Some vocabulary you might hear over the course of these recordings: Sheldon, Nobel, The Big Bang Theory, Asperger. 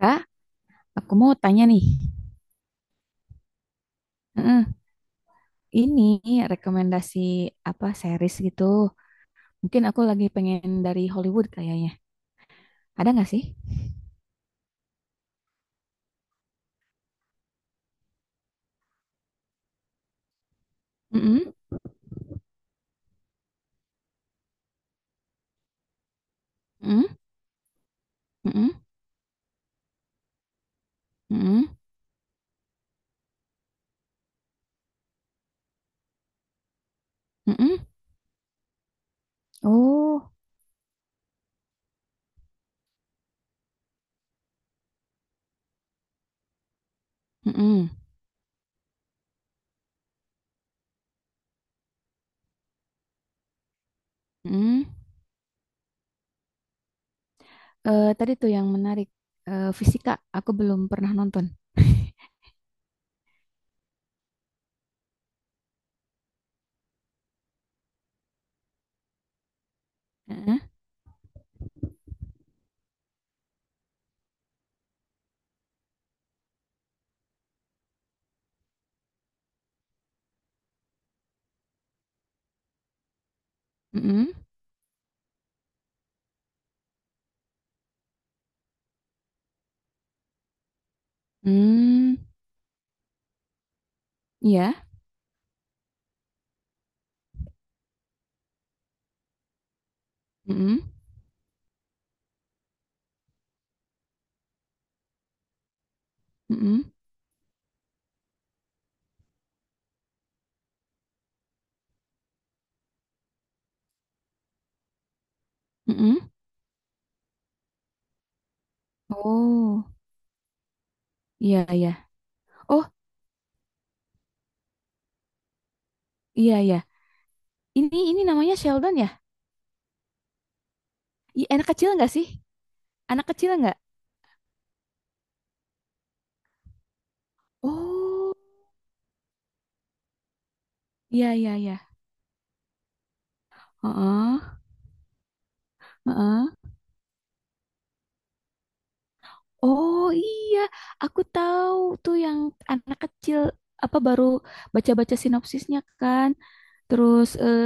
Kak, aku mau tanya nih. Heeh, ini rekomendasi apa series gitu? Mungkin aku lagi pengen dari Hollywood kayaknya. Ada nggak sih? Mm-mm, mm-mm, mm-mm, mm-mm, mm-mm. Oh, mm-mm, mm-mm. Tadi tuh yang menarik fisika. Aku belum pernah nonton. Heeh, mm-mm, mm, iya. Mm-mm, mm-mm, mm-mm. Oh, iya iya. Oh, iya iya. Ini namanya Sheldon ya? Anak kecil nggak sih? Anak kecil nggak? Oh, iya iya iya. Heeh, heeh. Oh iya, aku tahu tuh yang anak kecil apa baru baca-baca sinopsisnya kan. Terus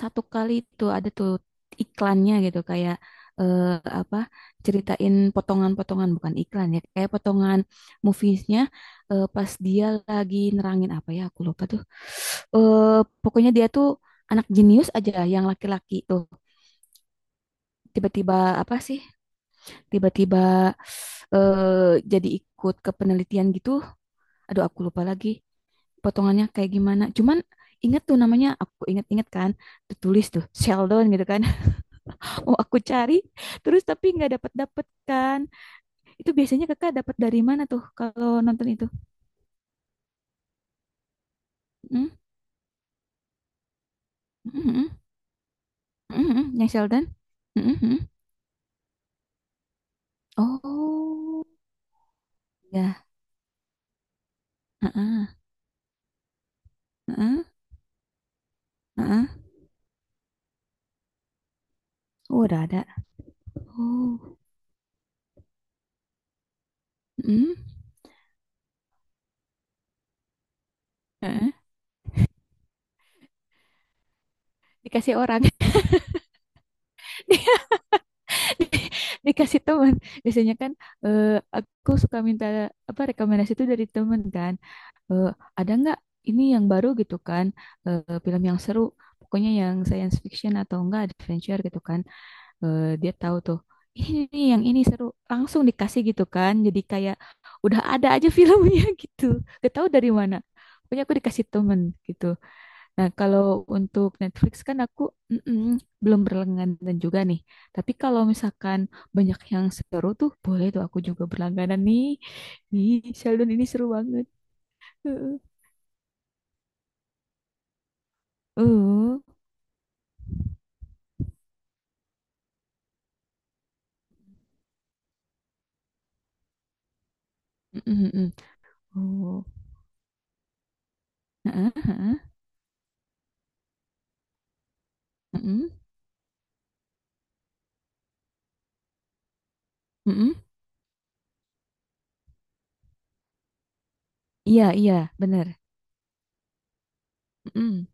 satu kali itu ada tuh iklannya gitu kayak eh, apa ceritain potongan-potongan, bukan iklan ya, kayak potongan moviesnya, pas dia lagi nerangin apa ya, aku lupa tuh. Pokoknya dia tuh anak jenius aja, yang laki-laki tuh, tiba-tiba apa sih, tiba-tiba jadi ikut ke penelitian gitu. Aduh, aku lupa lagi potongannya kayak gimana, cuman inget tuh namanya, aku inget-inget kan, tertulis tuh Sheldon gitu kan. Oh, aku cari terus tapi nggak dapet kan. Itu biasanya kakak dapat dari mana tuh kalau nonton itu? Hmm? Hmm, hmm, hmm, hmm, hmm. Yang Sheldon? Hmm, hmm, hmm. Oh, ya. Heeh, heeh, heeh. Oh, udah ada. Oh, hmm, heeh. Dikasih orang. Di- di- Dikasih teman. Biasanya kan eh, aku suka minta apa rekomendasi itu dari teman kan. eh, ada nggak ini yang baru gitu kan, film yang seru, pokoknya yang science fiction atau enggak adventure gitu kan. Eh, dia tahu tuh, ini nih yang ini seru, langsung dikasih gitu kan, jadi kayak udah ada aja filmnya gitu, gak tahu dari mana. Pokoknya aku dikasih temen gitu. Nah, kalau untuk Netflix kan aku, mm-mm, belum berlangganan juga nih. Tapi kalau misalkan banyak yang seru tuh, boleh tuh aku juga berlangganan nih. Ih, Sheldon ini seru banget. Oh. Mhm mhm. Oh. Heeh heeh. Mhm. Mhm. Iya iya, bener. Mhm.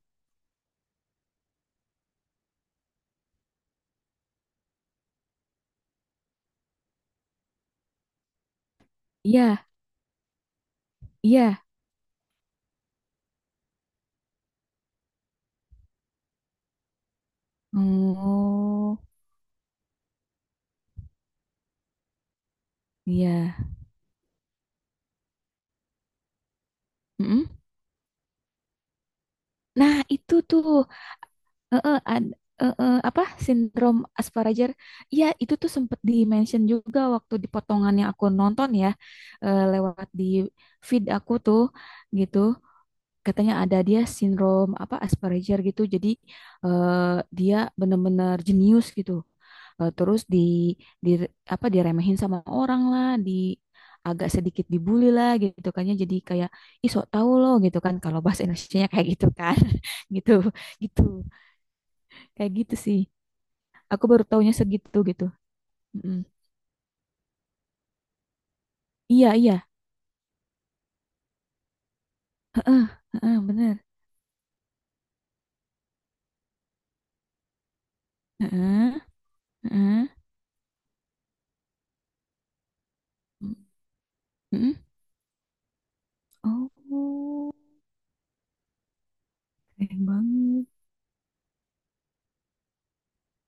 Iya iya. Oh, iya. Mhm. Nah, itu tuh, heeh, heeh, apa, sindrom Asperger. Iya, itu tuh sempet di-mention juga waktu di potongan aku nonton ya, lewat di feed aku tuh, gitu. Katanya ada dia sindrom apa Asperger gitu. Jadi eh, dia benar-benar jenius gitu. Terus di apa diremehin sama orang lah, di agak sedikit dibully lah gitu kan ya. Jadi kayak ih sok tahu loh gitu kan, kalau bahasa Indonesianya kayak gitu kan. Gitu. Gitu. Kayak gitu sih. Aku baru taunya segitu gitu. Mm-mm. Iya, iya. Heeh, heeh, bener. Heeh, heeh. Mm-mm. Oh, keren banget.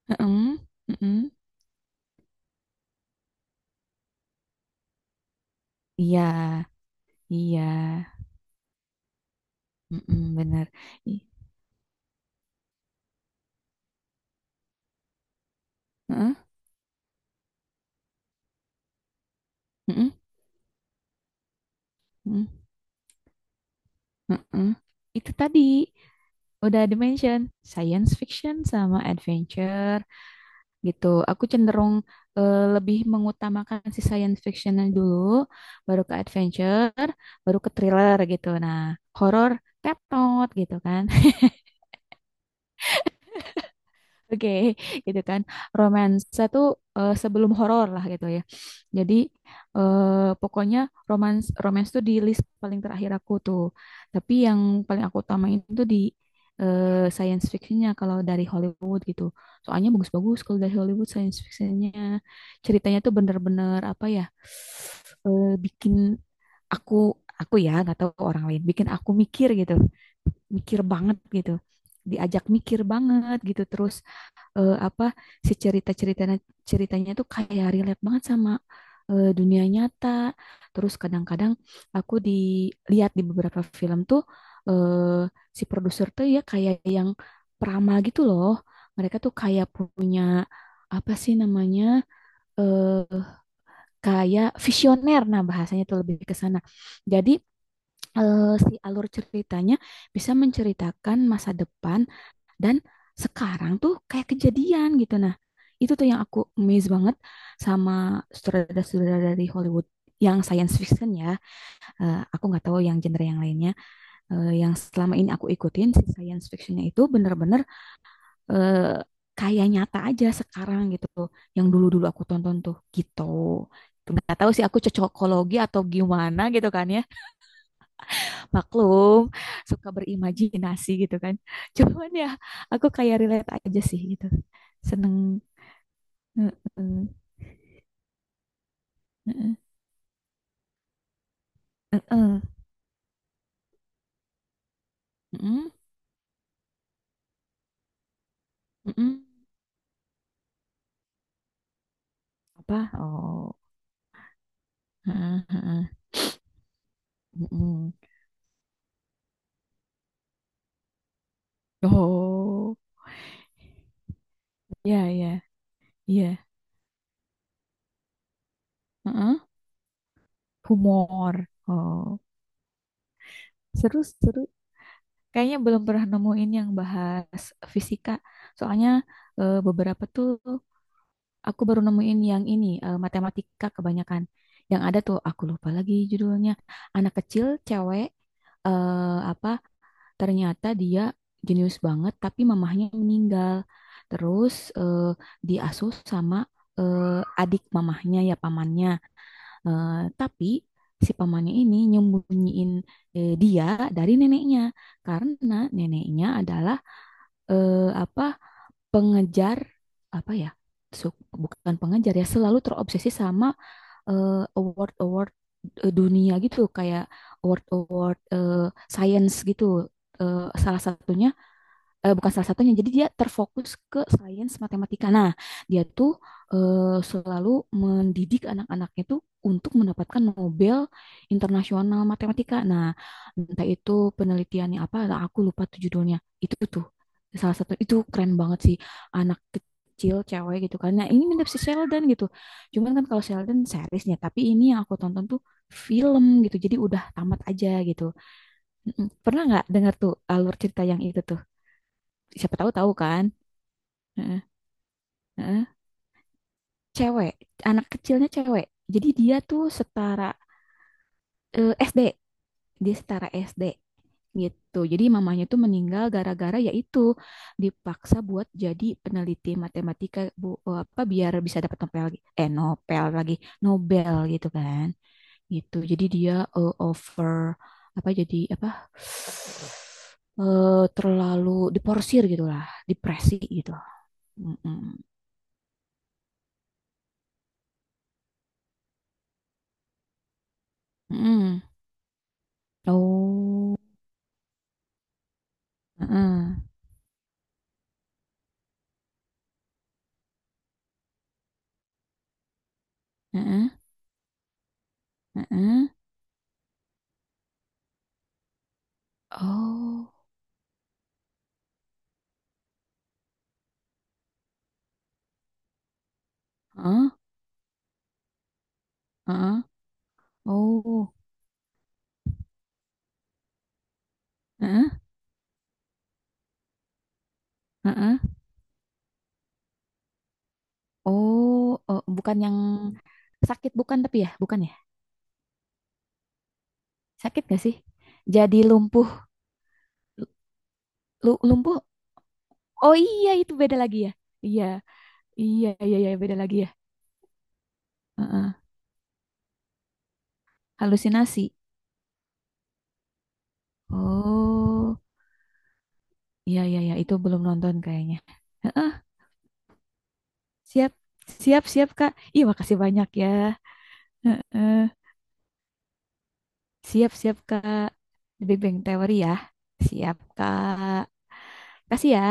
Heeh, heeh. Iya, iya, mm bener. I- Heeh, heeh, heeh, heeh. Itu tadi udah dimention science fiction sama adventure gitu. Aku cenderung lebih mengutamakan si science fictionnya dulu, baru ke adventure, baru ke thriller gitu. Nah, horror, tetot gitu kan. Oke, gitu kan. Romance tuh sebelum horor lah gitu ya. Jadi pokoknya romance romance tuh di list paling terakhir aku tuh. Tapi yang paling aku utamain tuh di science fictionnya kalau dari Hollywood gitu. Soalnya bagus-bagus kalau dari Hollywood science fictionnya, ceritanya tuh bener-bener apa ya, bikin aku aku ya nggak tahu orang lain, bikin aku mikir gitu, mikir banget gitu, diajak mikir banget gitu. Terus apa, si cerita ceritanya, ceritanya tuh kayak relate banget sama dunia nyata. Terus kadang-kadang aku dilihat di beberapa film tuh eh, si produser tuh ya kayak yang peramal gitu loh, mereka tuh kayak punya apa sih namanya, eh kayak visioner, nah bahasanya tuh lebih ke sana. Jadi si alur ceritanya bisa menceritakan masa depan dan sekarang tuh kayak kejadian gitu. Nah, itu tuh yang aku amazed banget sama sutradara-sutradara dari Hollywood yang science fiction ya. Eh, aku nggak tahu yang genre yang lainnya. Eh, yang selama ini aku ikutin si science fictionnya itu bener-bener eh, kayak nyata aja sekarang gitu. Yang dulu-dulu aku tonton tuh gitu. Nggak tahu sih aku cocokologi atau gimana gitu kan ya, maklum suka berimajinasi gitu kan, cuman ya aku kayak relate aja sih gitu, seneng. Heeh, heeh, heeh, heeh, heeh. Apa, oh, heeh, heeh, heeh. Oh, ya ya, iya. Heeh, humor, oh seru seru. Kayaknya belum pernah nemuin yang bahas fisika. Soalnya beberapa tuh aku baru nemuin yang ini, matematika kebanyakan. Yang ada tuh, aku lupa lagi judulnya. Anak kecil, cewek, apa, ternyata dia jenius banget, tapi mamahnya meninggal. Terus eh, diasuh sama adik mamahnya, ya pamannya. Eh, tapi si pamannya ini nyembunyiin dia dari neneknya. Karena neneknya adalah apa pengejar apa ya, su- bukan pengejar ya, selalu terobsesi sama award-award dunia gitu, kayak award-award science gitu. Eh, salah satunya, bukan salah satunya. Jadi dia terfokus ke sains matematika. Nah, dia tuh selalu mendidik anak-anaknya tuh untuk mendapatkan Nobel Internasional Matematika. Nah, entah itu penelitiannya apa, aku lupa tuh judulnya. Itu tuh salah satu itu keren banget sih, anak kecil cewek gitu kan. Nah, ini mirip si Sheldon gitu. Cuman kan kalau Sheldon seriesnya, tapi ini yang aku tonton tuh film gitu. Jadi udah tamat aja gitu. Mm-mm. Pernah nggak dengar tuh alur cerita yang itu tuh? Siapa tahu tahu kan. Heeh, heeh. Cewek, anak kecilnya cewek. Jadi dia tuh setara SD, dia setara SD gitu. Jadi mamanya tuh meninggal gara-gara yaitu dipaksa buat jadi peneliti matematika, apa biar bisa dapat Nobel lagi, Nobel gitu kan. Gitu jadi dia over apa, jadi apa, terlalu diporsir gitu lah, depresi gitu. Mm-mm. Mm-mm. Oh, heeh, heeh, heeh. Oh, heeh, heeh. Oh, heeh, heeh. Oh, bukan yang sakit, bukan tapi ya, bukan ya? Sakit gak sih? Jadi lumpuh, lumpuh. Oh iya, itu beda lagi ya. Iya, iya, iya, iya, beda lagi ya. Heeh. Halusinasi. Oh, iya, iya, iya, itu belum nonton kayaknya. Heeh, siap, siap, siap, Kak. Ih, makasih banyak ya. Heeh. Siap-siap Kak. The Big Bang Theory ya. Siap Kak. Kasih ya.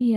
Iya.